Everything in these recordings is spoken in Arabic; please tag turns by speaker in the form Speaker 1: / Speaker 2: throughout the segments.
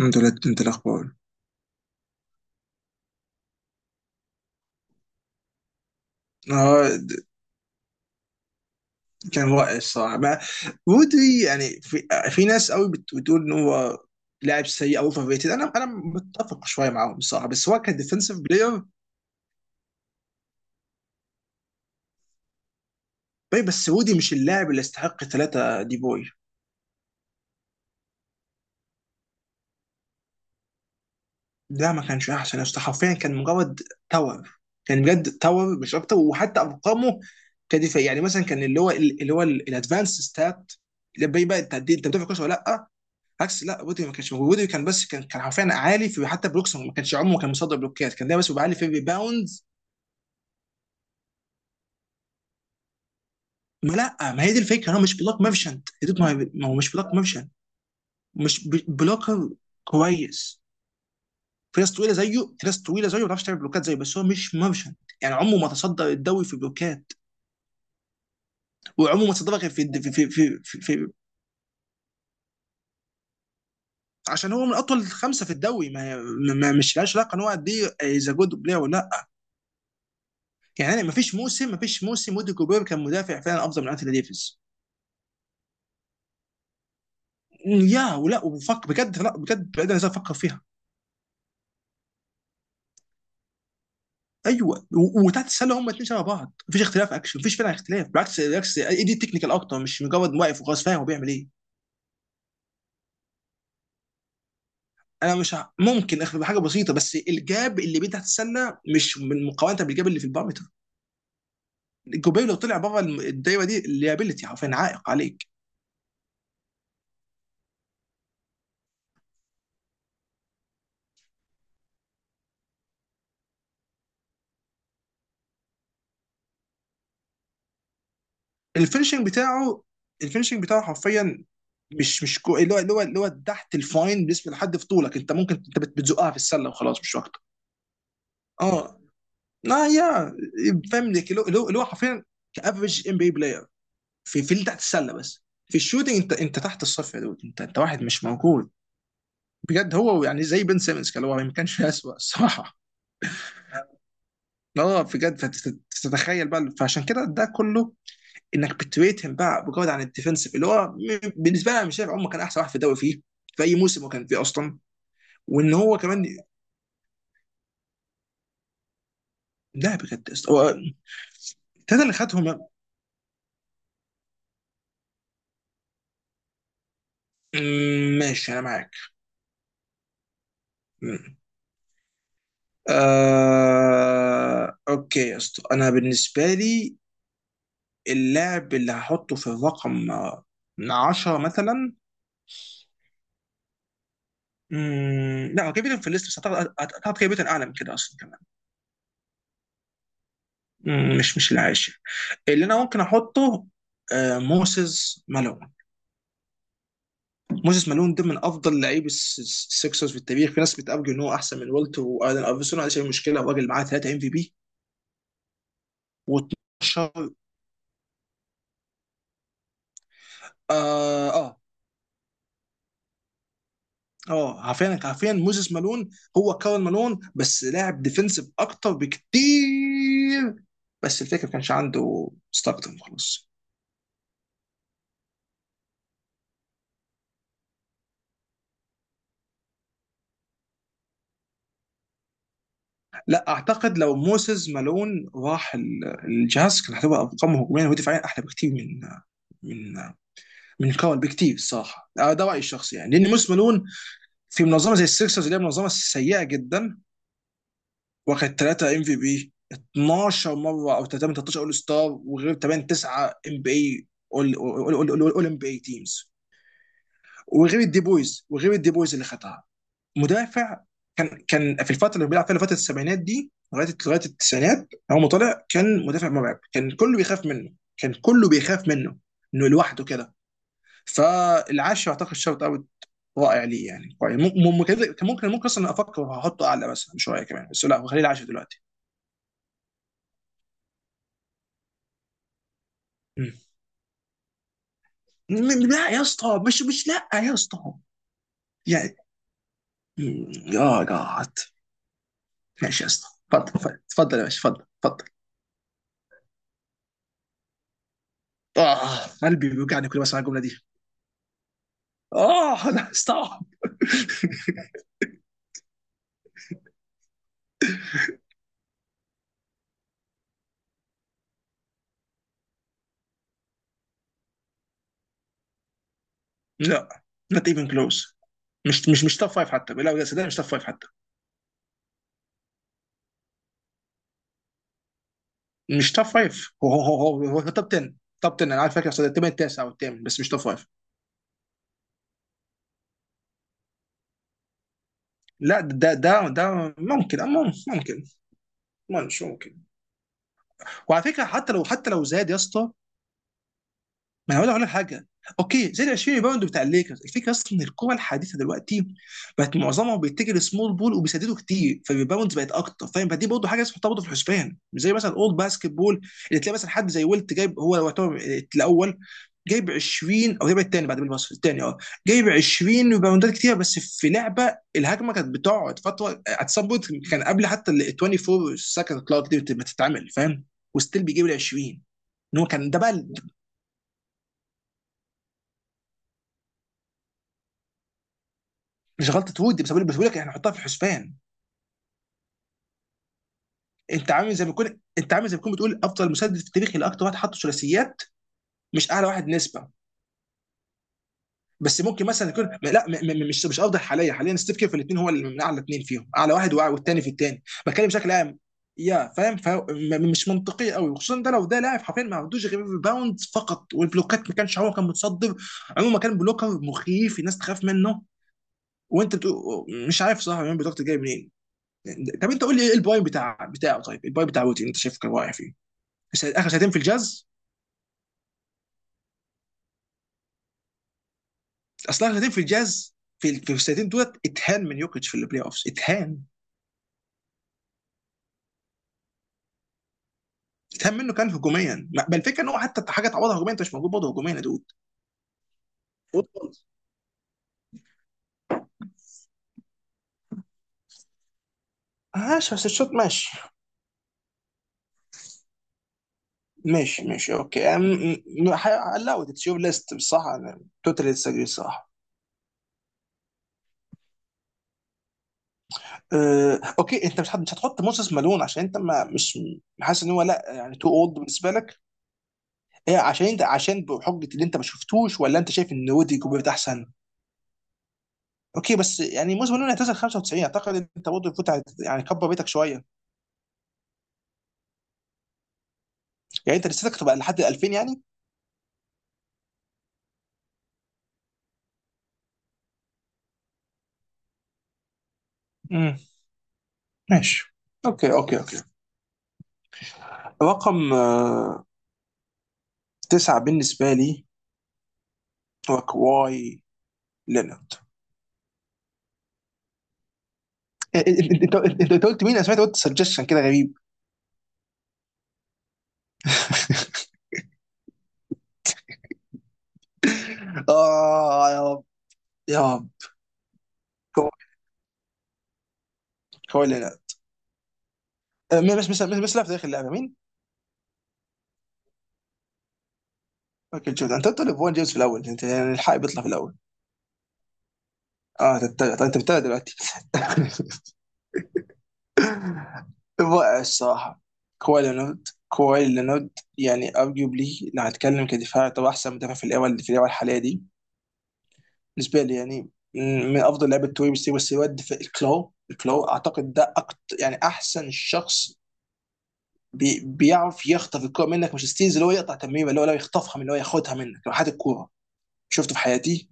Speaker 1: انت لا انت الاخبار؟ اه، كان رائع الصراحه ما رودري يعني في ناس قوي بتقول ان هو لاعب سيء او اوفر ريتد. انا متفق شويه معاهم الصراحه، بس هو كان ديفنسيف بلاير. بس رودي مش اللاعب اللي يستحق ثلاثه دي بوي. لا، ما كانش احسن يسطا. حرفيا كان مجرد تاور. كان بجد تاور مش اكتر، وحتى ارقامه كدفاع، يعني مثلا كان اللي هو الادفانس ستات اللي بيبقى انت انت بتدافع كويس ولا لا. عكس، لا ودي ما كانش موجود، ودي كان بس كان كان حرفيا عالي في حتى بلوكس. ما كانش عمره كان مصدر بلوكات، كان دايما بس بيبقى عالي في ريباوندز. ما لا، ما هي دي الفكره، هو مش بلوك ميرشنت يا دود. ما هو مش بلوك ميرشنت. مش بلوكر كويس. في ناس طويله زيه، ما بتعرفش تعمل بلوكات زيه، بس هو مش ميرشنت. يعني عمره ما تصدر الدوري في بلوكات، وعمره ما تصدر غير في في. عشان هو من اطول خمسه في الدوري. مش لاش علاقه ان هو قد ايه از جود بلاير ولا لا. يعني ما فيش موسم ودي كوبير كان مدافع فعلا افضل من انثوني ديفيز. يا ولا وفك بجد. لا بجد بجد لازم افكر فيها. ايوه وتحت السله هم الاثنين شبه بعض. مفيش اختلاف اكشن، مفيش فعلا اختلاف، بالعكس بالعكس، اي دي تكنيكال اكتر، مش مجرد واقف وخلاص فاهم هو بيعمل ايه. انا مش ممكن اخد حاجه بسيطه، بس الجاب اللي بين تحت السله مش من مقارنه بالجاب اللي في البارامتر. الجوبيه لو طلع بره الدايره دي، الليابيلتي حرفيا عائق عليك. الفينشنج بتاعه، الفينشنج بتاعه حرفيا مش مش كو... اللي هو تحت الفاين. بالنسبه لحد في طولك انت، ممكن انت بتزقها في السله وخلاص مش اكتر. اه. لا يا، فاهم لك، اللي هو حرفيا كافريج ام بي بلاير في اللي تحت السله بس. في الشوتنج انت تحت الصفر يا دود، انت واحد مش موجود. بجد هو يعني زي بن سيمنز، كان هو ما كانش اسوء الصراحه. اه بجد. فتتخيل بقى، فعشان كده ده كله انك بتريتهم بقى بجد. عن الديفنسيف اللي هو بالنسبه لي، انا مش شايف عمر كان احسن واحد في الدوري فيه، في اي موسم هو كان فيه اصلا. وان هو كمان لا، بجد هو التلاته اللي خدهم. مم، ماشي انا معاك. مم. آه، اوكي يا اسطى، انا بالنسبه لي اللاعب اللي هحطه في الرقم من 10 مثلا، مم، لا، هو كيفن في الليست بس اعتقد كيفن اعلى من كده اصلا كمان. مش العاشر اللي انا ممكن احطه موسيس مالون. موسيس مالون ده من افضل لعيب السكسرز في التاريخ، في ناس بتأرجو ان هو احسن من والتر والن ايفرسون. ما عنديش اي مشكله، الراجل معاه 3 ام في بي و12. اه آه. اه، عارفين عارفين موزيس مالون، هو كارل مالون بس لاعب ديفنسيف اكتر بكتير. بس الفكره ما كانش عنده ستاكتم خلاص. لا، اعتقد لو موسيس مالون راح الجاز كان هتبقى ارقامه هجوميا ودفاعيا احلى بكتير من من كارل بكتير الصراحه. ده رايي الشخصي يعني، لان موسيس مالون في منظمه زي السيكسرز، اللي هي منظمه سيئه جدا، واخد 3 ام في بي 12 مره، او 3 من 13 اول ستار، وغير 8 9 ام بي اي اول ام بي اي تيمز، وغير الدي بويز، اللي خدها مدافع. كان في الفتره اللي بيلعب فيها، فتره السبعينات دي لغايه التسعينات. اول ما طلع كان مدافع مرعب، كان كله بيخاف منه، انه لوحده كده. فالعاشر اعتقد شوت اوت رائع، ليه يعني؟ كويس، ممكن اصلا افكر هحطه اعلى مثلا شويه كمان، بس لا، خليه العاشر دلوقتي. لا يا اسطى، مش لا يا اسطى، يعني. مم، يا جاد، ماشي يا اسطى، اتفضل اتفضل يا باشا، اتفضل. اه، قلبي بيوجعني كل ما اسمع الجمله دي. اه انا استوعب. لا، not even close. مش توب فايف حتى، لا يا سيدي، مش توب فايف حتى. مش توب فايف، هو توب 10. توب 10 انا عارف، فاكر اصل الثامن التاسع او الثامن، بس مش توب فايف. لا، ده ممكن مش ممكن. وعلى فكره، حتى لو زاد يا اسطى، ما انا عاوز اقول لك حاجه. اوكي، زي ال 20 ريباوند بتاع الليكرز. الفكره اصلا ان الكره الحديثه دلوقتي بقت معظمها بيتجه لسمول بول، وبيسددوا كتير، فالريباوندز بقت اكتر فاهم. فدي برضه حاجه لازم تحطها برضه في الحسبان، مش زي مثلا اولد باسكت بول اللي تلاقي مثلا حد زي ويلت جايب، هو لو يعتبر الاول جايب 20 او جايب الثاني، بعد بالمصري الثاني اه، جايب 20 ريباوندات كتير، بس في لعبه الهجمه كانت بتقعد فتره، اتسبوت كان قبل حتى ال 24 سكند كلوك دي ما تتعمل فاهم، وستيل بيجيب ال 20. ان هو كان ده بقى مش غلطه وودي، بس بقول، بس بقول لك احنا نحطها في الحسبان. انت عامل زي ما يكون، بتقول افضل مسدد في التاريخ اللي اكتر واحد حط ثلاثيات، مش اعلى واحد نسبه. بس ممكن مثلا يكون لا مش افضل حاليا. حاليا ستيف كير في الاثنين، هو اللي من اعلى اثنين فيهم، اعلى واحد والثاني في الثاني، بتكلم بشكل عام. يا فاهم، مش منطقي قوي خصوصا ده، لو ده لاعب حرفيا ما عندوش غير الباوند فقط، والبلوكات ما كانش هو كان متصدر عموما. كان بلوكر مخيف، الناس تخاف منه، وانت بتقول مش عارف صح مين بلوكات جاي منين. طب انت قول لي ايه الباي بتاع بتاعه، طيب الباي بتاع ويتي انت شايف كان واقع فيه بس اخر سنتين في الجاز. اصل اخر سنتين في الجاز، في في السنتين دولت اتهان من يوكيتش في البلاي اوفس. اتهان اتهان منه، كان هجوميا بل الفكره ان هو حتى حاجه تعوضها هجوميا انت مش موجود برضه هجوميا يا دود. ماشي بس الشوت. ماشي اوكي. الاود اتس يور ليست بصراحه، انا توتالي ديسجري الصراحه. أه، اوكي، انت مش هتحط موسيس مالون عشان انت ما مش حاسس ان هو لا، يعني تو اولد بالنسبه لك. هي عشان انت عشان بحجه اللي انت ما شفتوش، ولا انت شايف ان ودي جوبيرت احسن؟ اوكي، بس يعني موسم نونو اعتزل 95 اعتقد، ان انت برضه فوت. يعني كبر بيتك شويه، يعني انت لسيتك تبقى لحد 2000 يعني. امم، ماشي. اوكي رقم تسعة بالنسبه لي، هو كواي لينارد. إيه، انت قلت مين؟ انا سمعت قلت سجشن كده غريب. اه يا رب، يا رب. كواي كواي لينارد. مين؟ بس لا، في تاريخ اللعبه مين؟ مايكل جوردن. انت قلت ليبرون جيمس في الاول انت، يعني الحق بيطلع في الاول. اه، تتابع. طيب انت بتتابع دلوقتي؟ رائع الصراحه. كواي لينارد، كواي لينارد. يعني ارجيوبلي لو هنتكلم كدفاع، طبعا احسن مدافع في الاول، الحاليه دي، بالنسبه لي يعني، من من افضل لعيبه توي. بس يود في الكلو، اعتقد ده أكتر يعني احسن شخص بي بيعرف يخطف الكوره منك، مش ستيلز، اللي هو يقطع تمريره، اللي هو لو يخطفها، من اللي هو ياخدها منك، لو حد الكوره شفته في حياتي.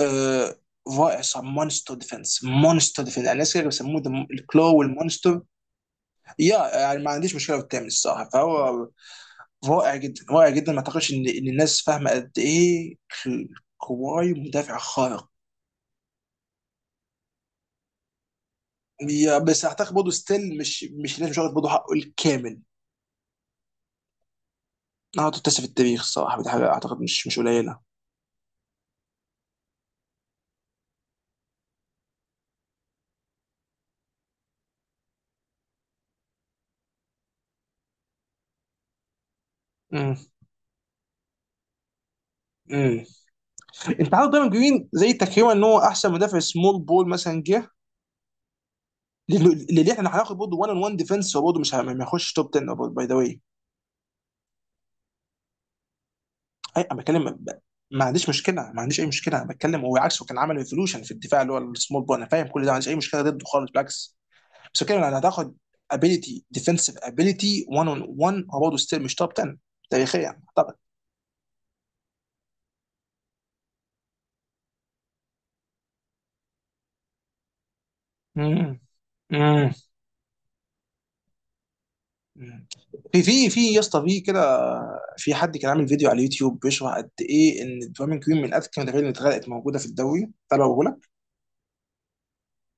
Speaker 1: آه، رائع. صار مونستر ديفنس، مونستر ديفنس الناس كده بيسموه، الكلو والمونستر. يا يعني ما عنديش مشكله بالتامن الصراحه، فهو رائع جدا، رائع جدا. ما اعتقدش ان الناس فاهمه قد ايه كواي مدافع خارق. يا، بس اعتقد برضه ستيل مش مش الناس مش واخد برضه حقه الكامل. نهارده التاسع في التاريخ الصراحه، ودي حاجه اعتقد مش قليله. امم امم انت عارف، دايما جرين زي تكريما ان هو احسن مدافع سمول بول مثلا جه. اللي احنا هناخد برضه 1 اون 1 ديفنس، هو برضه مش ما يخش توب 10 باي ذا واي. اي انا بتكلم ما عنديش مشكله، ما عنديش اي مشكله انا بتكلم. هو عكسه كان عمل ريفولوشن في الدفاع اللي هو السمول بول، انا فاهم كل ده، ما عنديش اي مشكله ضده خالص بالعكس. بس بتكلم انا هتاخد ابيليتي، ديفنسيف ابيليتي 1 اون 1، هو برضه ستيل مش توب 10 تاريخيا اعتقد. امم امم مم. في يا اسطى في كده، في حد كان عامل فيديو على اليوتيوب بيشرح قد ايه ان الدوامين كريم من اذكى المدافعين اللي اتغلقت موجوده في الدوري. تعالى.